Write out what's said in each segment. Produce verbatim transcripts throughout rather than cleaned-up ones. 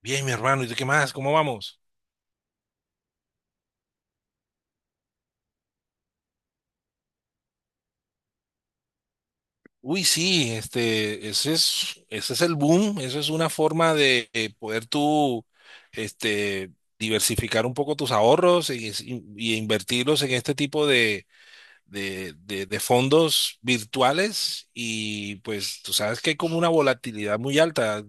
Bien, mi hermano, ¿y tú qué más? ¿Cómo vamos? Uy, sí, este, ese es, ese es el boom. Eso es una forma de eh, poder tú, este, diversificar un poco tus ahorros y, y- y invertirlos en este tipo de, de, de- de fondos virtuales, y pues tú sabes que hay como una volatilidad muy alta,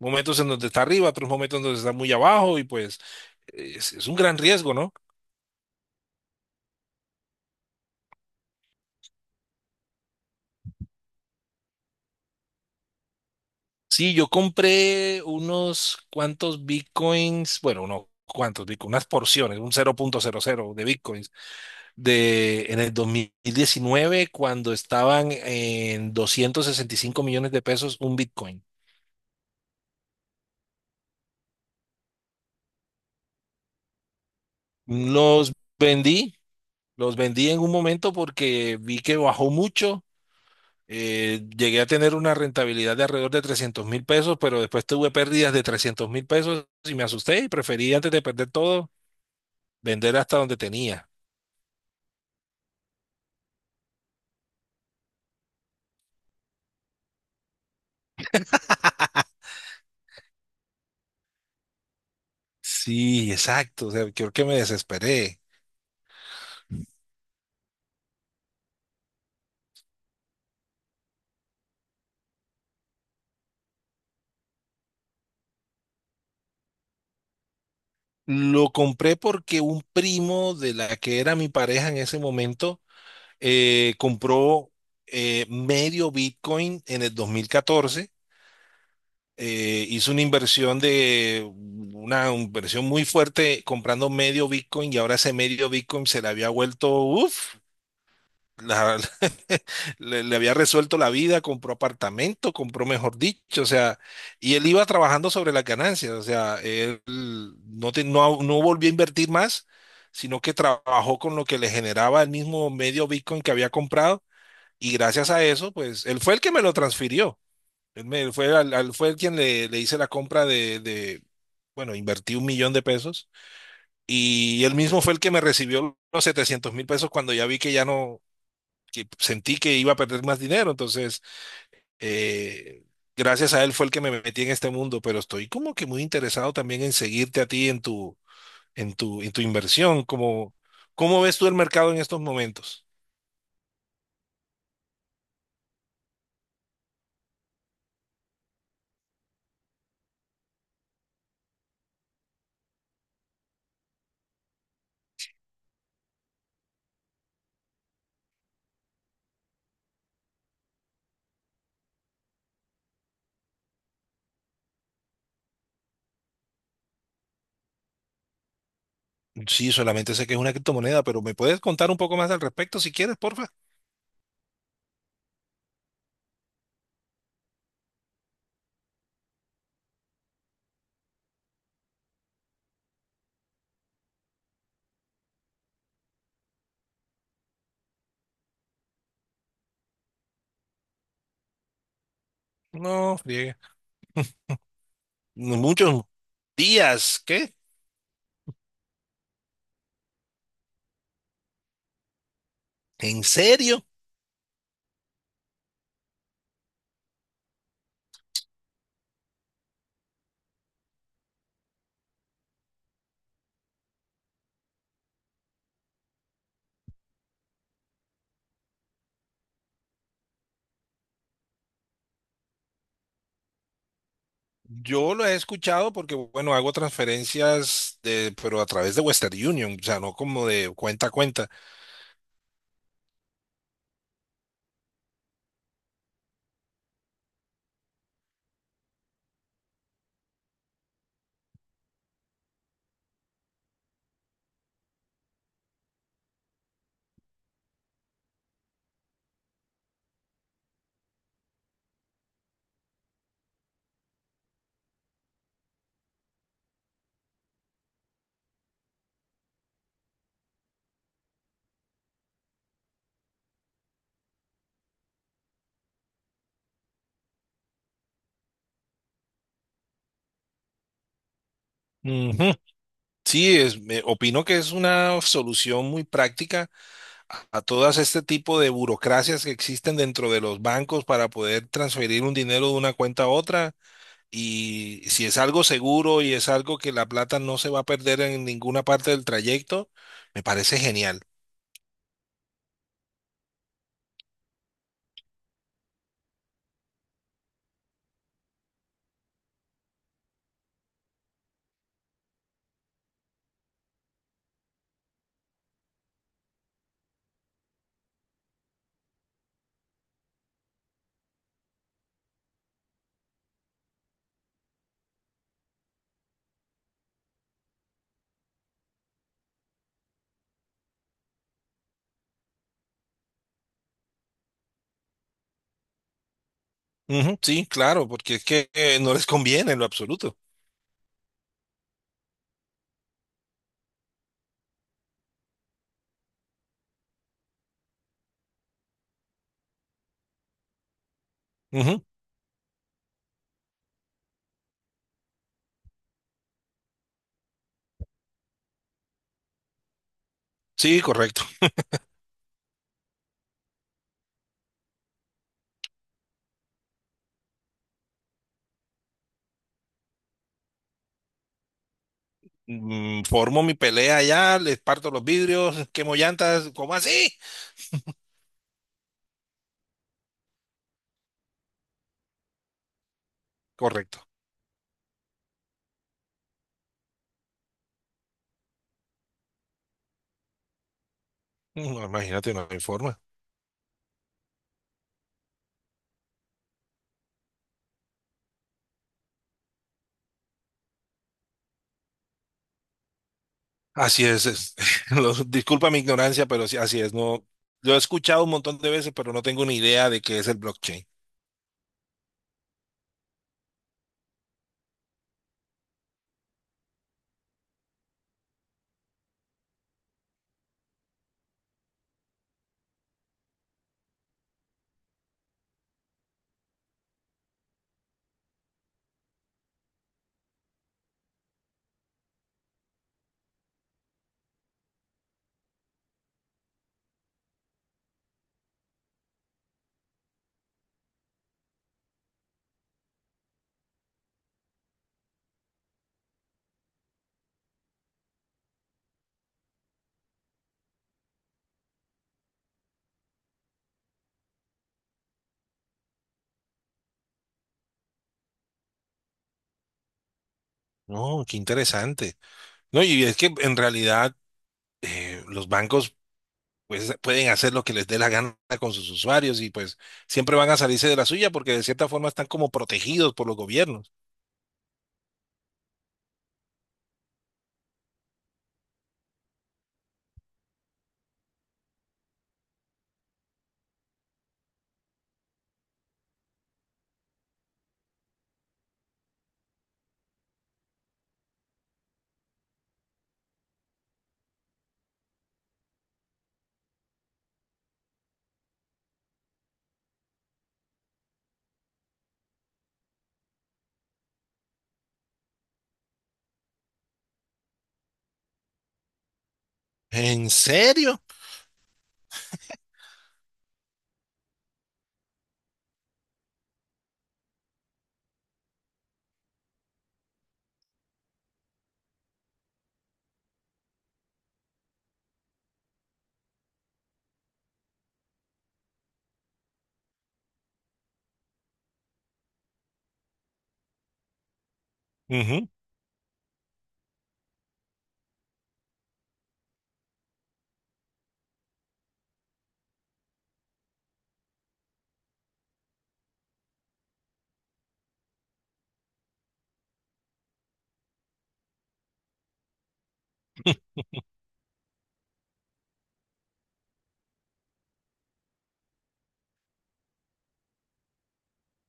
momentos en donde está arriba, otros momentos en donde está muy abajo, y pues es es un gran riesgo, ¿no? Sí, yo compré unos cuantos bitcoins. Bueno, no cuantos bitcoins, unas porciones, un cero cero punto cero cero de bitcoins de en el dos mil diecinueve, cuando estaban en doscientos sesenta y cinco millones de pesos un bitcoin. Los vendí, los vendí en un momento porque vi que bajó mucho. Eh, llegué a tener una rentabilidad de alrededor de trescientos mil pesos, pero después tuve pérdidas de trescientos mil pesos, y me asusté y preferí, antes de perder todo, vender hasta donde tenía. Sí, exacto. O sea, creo que me desesperé. Lo compré porque un primo de la que era mi pareja en ese momento eh, compró eh, medio Bitcoin en el dos mil catorce. Eh, hizo una inversión de una inversión muy fuerte, comprando medio Bitcoin, y ahora ese medio Bitcoin se le había vuelto, uff. la- le, le había resuelto la vida. Compró apartamento, compró, mejor dicho, o sea, y él iba trabajando sobre las ganancias. O sea, él no, te- no, no volvió a invertir más, sino que trabajó con lo que le generaba el mismo medio Bitcoin que había comprado, y gracias a eso, pues, él fue el que me lo transfirió, él, me, él fue, al, al- fue el quien le, le hice la compra de, de, bueno, invertí un millón de pesos. Y él mismo fue el que me recibió los setecientos mil pesos cuando ya vi que ya no, que sentí que iba a perder más dinero. Entonces, eh, gracias a él fue el que me metí en este mundo. Pero estoy como que muy interesado también en seguirte a ti en tu, en tu, en tu inversión. Como, ¿cómo ves tú el mercado en estos momentos? Sí, solamente sé que es una criptomoneda, pero ¿me puedes contar un poco más al respecto si quieres, porfa? No, friegue. Muchos días, ¿qué? ¿En serio? Yo lo he escuchado porque, bueno, hago transferencias de, pero a través de Western Union, o sea, no como de cuenta a cuenta. Ujú. Sí, es- me- opino que es una solución muy práctica a, a todas este tipo de burocracias que existen dentro de los bancos para poder transferir un dinero de una cuenta a otra. Y si es algo seguro y es algo que la plata no se va a perder en ninguna parte del trayecto, me parece genial. Ujú, sí, claro, porque es que eh, no les conviene en lo absoluto. Ujú, sí, correcto. Mm, formo mi pelea allá, les parto los vidrios, quemo llantas, ¿cómo así? Correcto. No, imagínate, no hay forma. Así es, es- lo- disculpa mi ignorancia, pero sí, así es, no, lo he escuchado un montón de veces, pero no tengo ni idea de qué es el blockchain. No, qué interesante. No, y es que en realidad eh, los bancos pues, pueden hacer lo que les dé la gana con sus usuarios, y pues siempre van a salirse de la suya porque de cierta forma están como protegidos por los gobiernos. ¿En serio?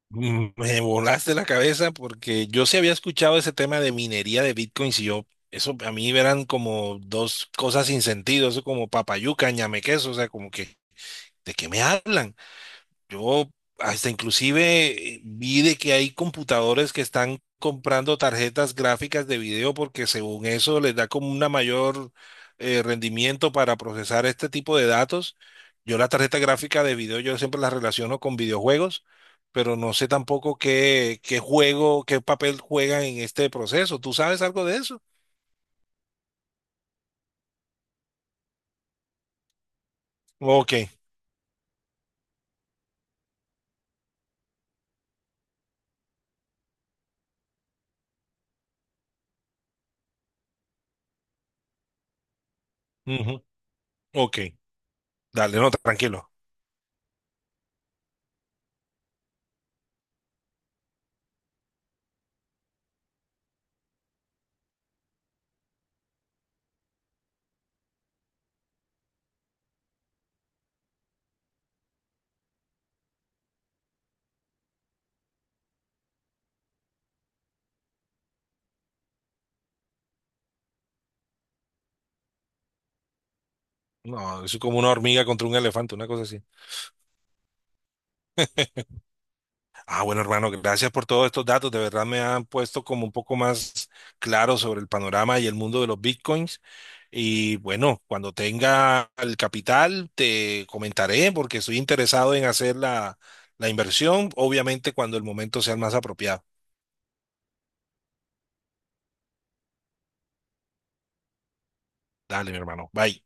Mm, Me volaste la cabeza, porque yo sí había escuchado ese tema de minería de bitcoins y yo, eso a mí eran como dos cosas sin sentido. Eso como papayuca, ñame queso, o sea, como que, ¿de qué me hablan? Yo hasta inclusive eh, vi de que hay computadores que están comprando tarjetas gráficas de video, porque según eso les da como una mayor eh, rendimiento para procesar este tipo de datos. Yo la tarjeta gráfica de video yo siempre la relaciono con videojuegos, pero no sé tampoco qué, qué juego, qué papel juegan en este proceso. ¿Tú sabes algo de eso? Ok, ujú, ok. Dale, no, tranquilo. No, es como una hormiga contra un elefante, una cosa así. Ah, bueno, hermano, gracias por todos estos datos. De verdad me han puesto como un poco más claro sobre el panorama y el mundo de los bitcoins. Y bueno, cuando tenga el capital, te comentaré porque estoy interesado en hacer la, la inversión, obviamente cuando el momento sea el más apropiado. Dale, mi hermano. Bye.